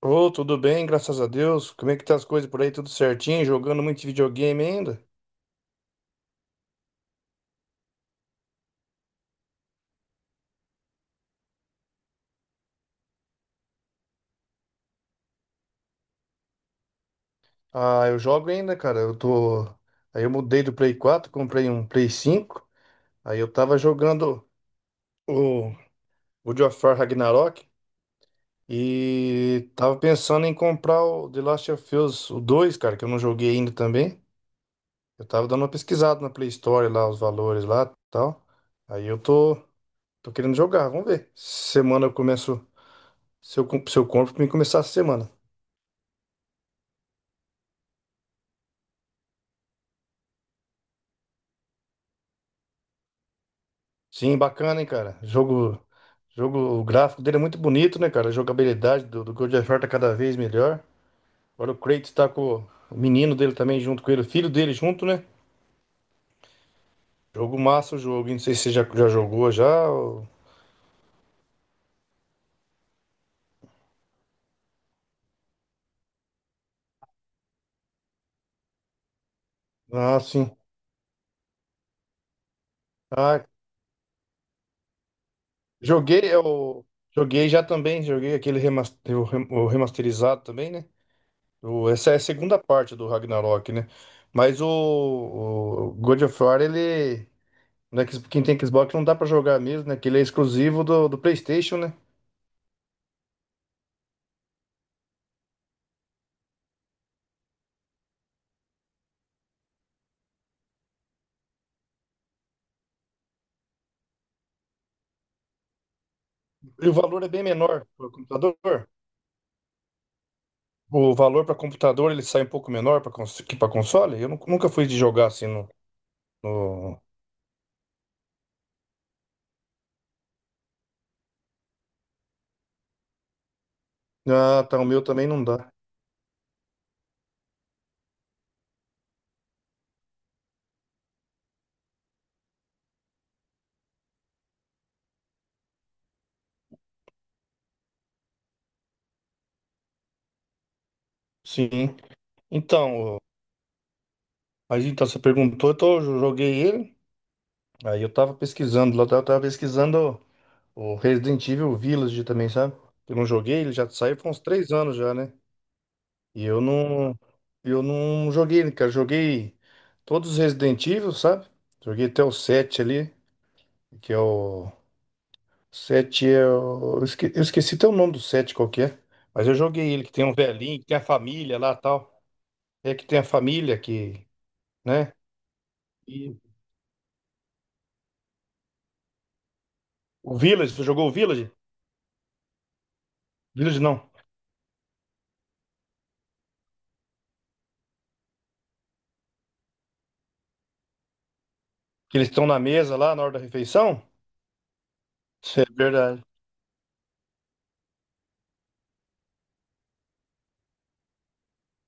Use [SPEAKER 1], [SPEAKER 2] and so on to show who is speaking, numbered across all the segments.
[SPEAKER 1] Ô, tudo bem, graças a Deus. Como é que tá as coisas por aí? Tudo certinho? Jogando muito videogame ainda? Ah, eu jogo ainda, cara. Eu tô. Aí eu mudei do Play 4, comprei um Play 5. Aí eu tava jogando o God of War Ragnarok e tava pensando em comprar o The Last of Us, o 2, cara, que eu não joguei ainda também. Eu tava dando uma pesquisada na Play Store lá, os valores lá, e tal. Aí eu tô querendo jogar, vamos ver. Semana eu começo, se eu compro, pra mim começar a semana. Sim, bacana, hein, cara. Jogo, jogo, o gráfico dele é muito bonito, né, cara? A jogabilidade do God of War tá cada vez melhor. Agora o Kratos tá com o menino dele também junto com ele, o filho dele junto, né? Jogo massa o jogo, hein? Não sei se você já jogou já. Ah, sim. Ah, joguei, eu joguei já também, joguei aquele o remasterizado também, né? O, essa é a segunda parte do Ragnarok, né? Mas o God of War, ele. No X- Quem tem Xbox não dá pra jogar mesmo, né? Que ele é exclusivo do PlayStation, né? E o valor é bem menor para computador. O valor para computador ele sai um pouco menor que para console. Eu nunca fui de jogar assim no, no- Ah, tá. O meu também não dá. Sim. Então, mas então você perguntou, então eu joguei ele. Aí eu tava pesquisando, lá eu tava pesquisando o Resident Evil Village também, sabe? Eu não joguei, ele já saiu faz uns 3 anos já, né? E eu não joguei, né, cara. Joguei todos os Resident Evil, sabe? Joguei até o 7 ali, que é o 7 é Eu esqueci até o nome do 7 qual que é. Mas eu joguei ele, que tem um velhinho, que tem a família lá tal. É que tem a família que, né? E o Village, você jogou o Village? Village não. Que eles estão na mesa lá na hora da refeição. Isso é verdade.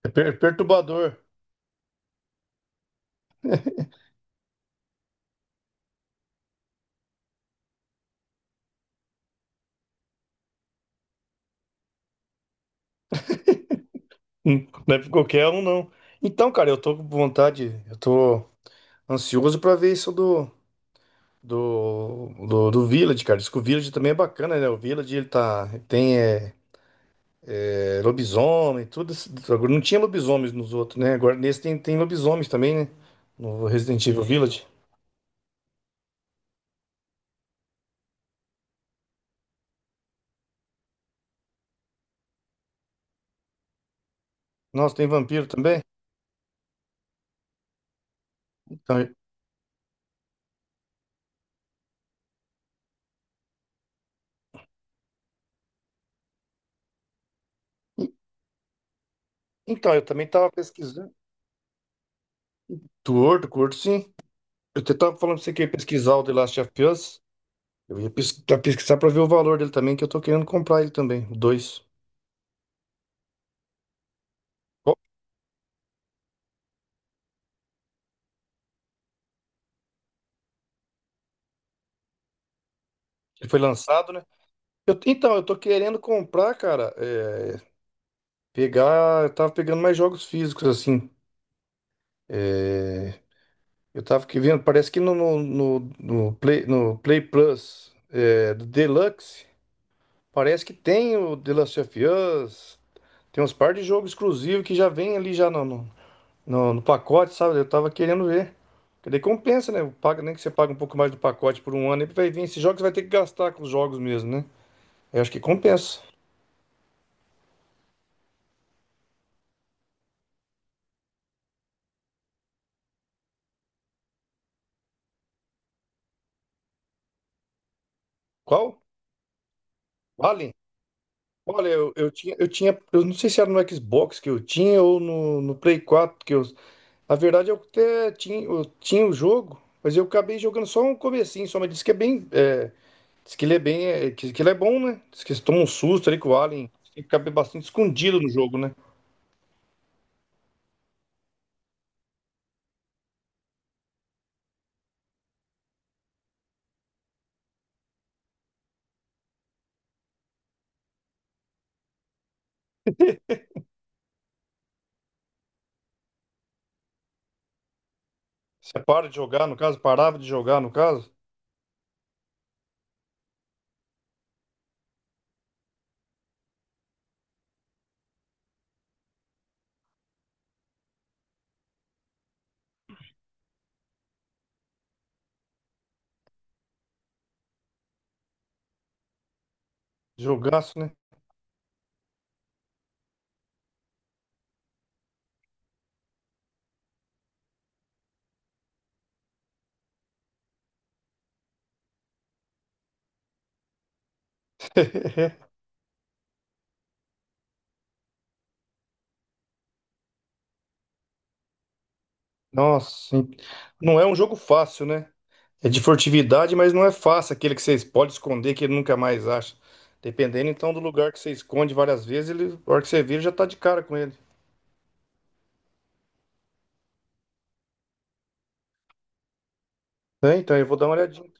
[SPEAKER 1] É perturbador. Não é pra qualquer um, não. Então, cara, eu tô com vontade, eu tô. Ansioso pra ver isso do Village, cara. Diz que o Village também é bacana, né? O Village, ele tá... Tem lobisomem, tudo. Agora não tinha lobisomens nos outros, né? Agora nesse tem lobisomens também, né? No Resident Evil Village. Nossa, tem vampiro também? Então, então, eu também tava pesquisando. Torto, curto, sim. Eu até tava falando pra você que eu ia pesquisar o The Last of Us. Eu ia pesquisar, pesquisar pra ver o valor dele também, que eu tô querendo comprar ele também, o 2. Ele foi lançado, né? Então, eu tô querendo comprar, cara, pegar. Eu tava pegando mais jogos físicos, assim. É, eu tava que vendo, parece que no Play, no Play Plus do Deluxe, parece que tem o The Last of Us, tem uns par de jogos exclusivos que já vem ali já no pacote, sabe? Eu tava querendo ver. Porque daí compensa, né? Paga, nem que você paga um pouco mais do pacote por um ano, aí vai vir esses jogos, você vai ter que gastar com os jogos mesmo, né? Eu acho que compensa. Qual? Vale? Olha, eu tinha, eu tinha, eu não sei se era no Xbox que eu tinha ou no Play 4 que eu. A verdade, é que eu até tinha, eu tinha o jogo, mas eu acabei jogando só um comecinho, só, mas disse que é bem. É, diz que ele é bem. É, que ele é bom, né? Diz que você toma um susto ali com o Alien. Tem que ficar bastante escondido no jogo, né? Você para de jogar, no caso, parava de jogar, no caso. Jogaço, né? Nossa, sim. Não é um jogo fácil, né? É de furtividade, mas não é fácil aquele que vocês pode esconder que ele nunca mais acha. Dependendo então do lugar que você esconde várias vezes, ele, a hora que você vira já tá de cara com ele. É, então eu vou dar uma olhadinha.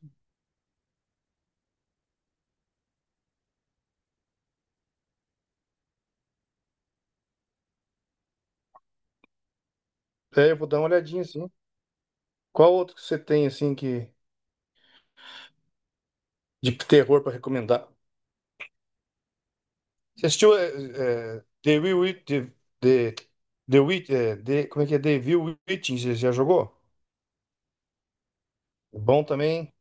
[SPEAKER 1] É, eu vou dar uma olhadinha assim. Qual outro que você tem assim que de terror pra recomendar? Você assistiu The Will Wit- The, The, The Wit- como é que é? The Will Witching, você já jogou? É bom também, hein?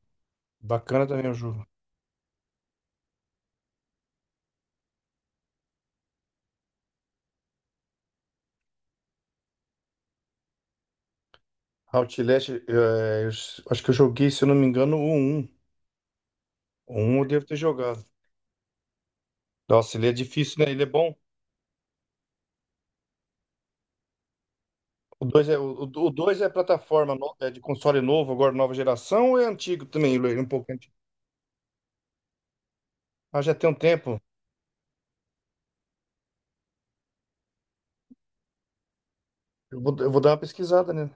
[SPEAKER 1] Bacana também o jogo. Outlast, eu acho que eu joguei, se eu não me engano, o um. O 1 eu devo ter jogado. Nossa, ele é difícil, né? Ele é bom. O 2 é, o 2 é plataforma é de console novo, agora nova geração, ou é antigo também? Ele é um pouco antigo. Ah, já tem um tempo. Eu vou dar uma pesquisada, né?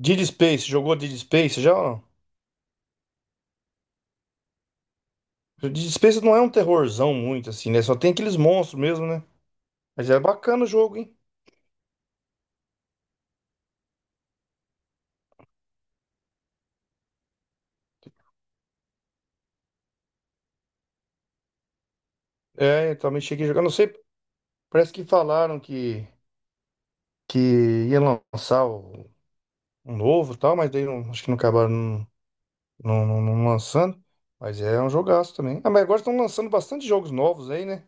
[SPEAKER 1] Dead Space, jogou Dead Space já ou não? Dead Space não é um terrorzão muito, assim, né? Só tem aqueles monstros mesmo, né? Mas é bacana o jogo, hein? É, eu também cheguei a jogar. Não sei, parece que falaram que, ia lançar um novo e tal, mas daí não, acho que não acabaram. Não, não, não lançando. Mas é um jogaço também. Ah, mas agora estão lançando bastante jogos novos aí, né?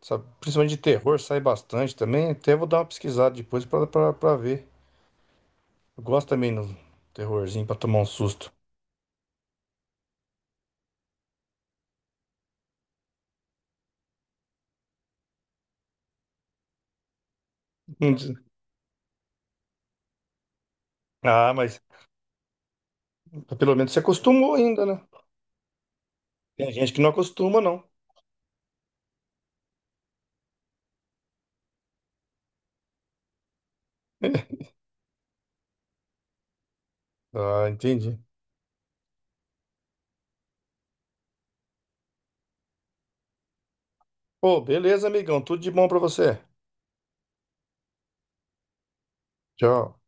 [SPEAKER 1] Sabe, principalmente de terror, sai bastante também. Até vou dar uma pesquisada depois pra ver. Eu gosto também do terrorzinho pra tomar um susto. Ah, mas pelo menos você acostumou ainda, né? Tem gente que não acostuma, não. Ah, entendi. Pô, beleza, amigão. Tudo de bom pra você. Tchau.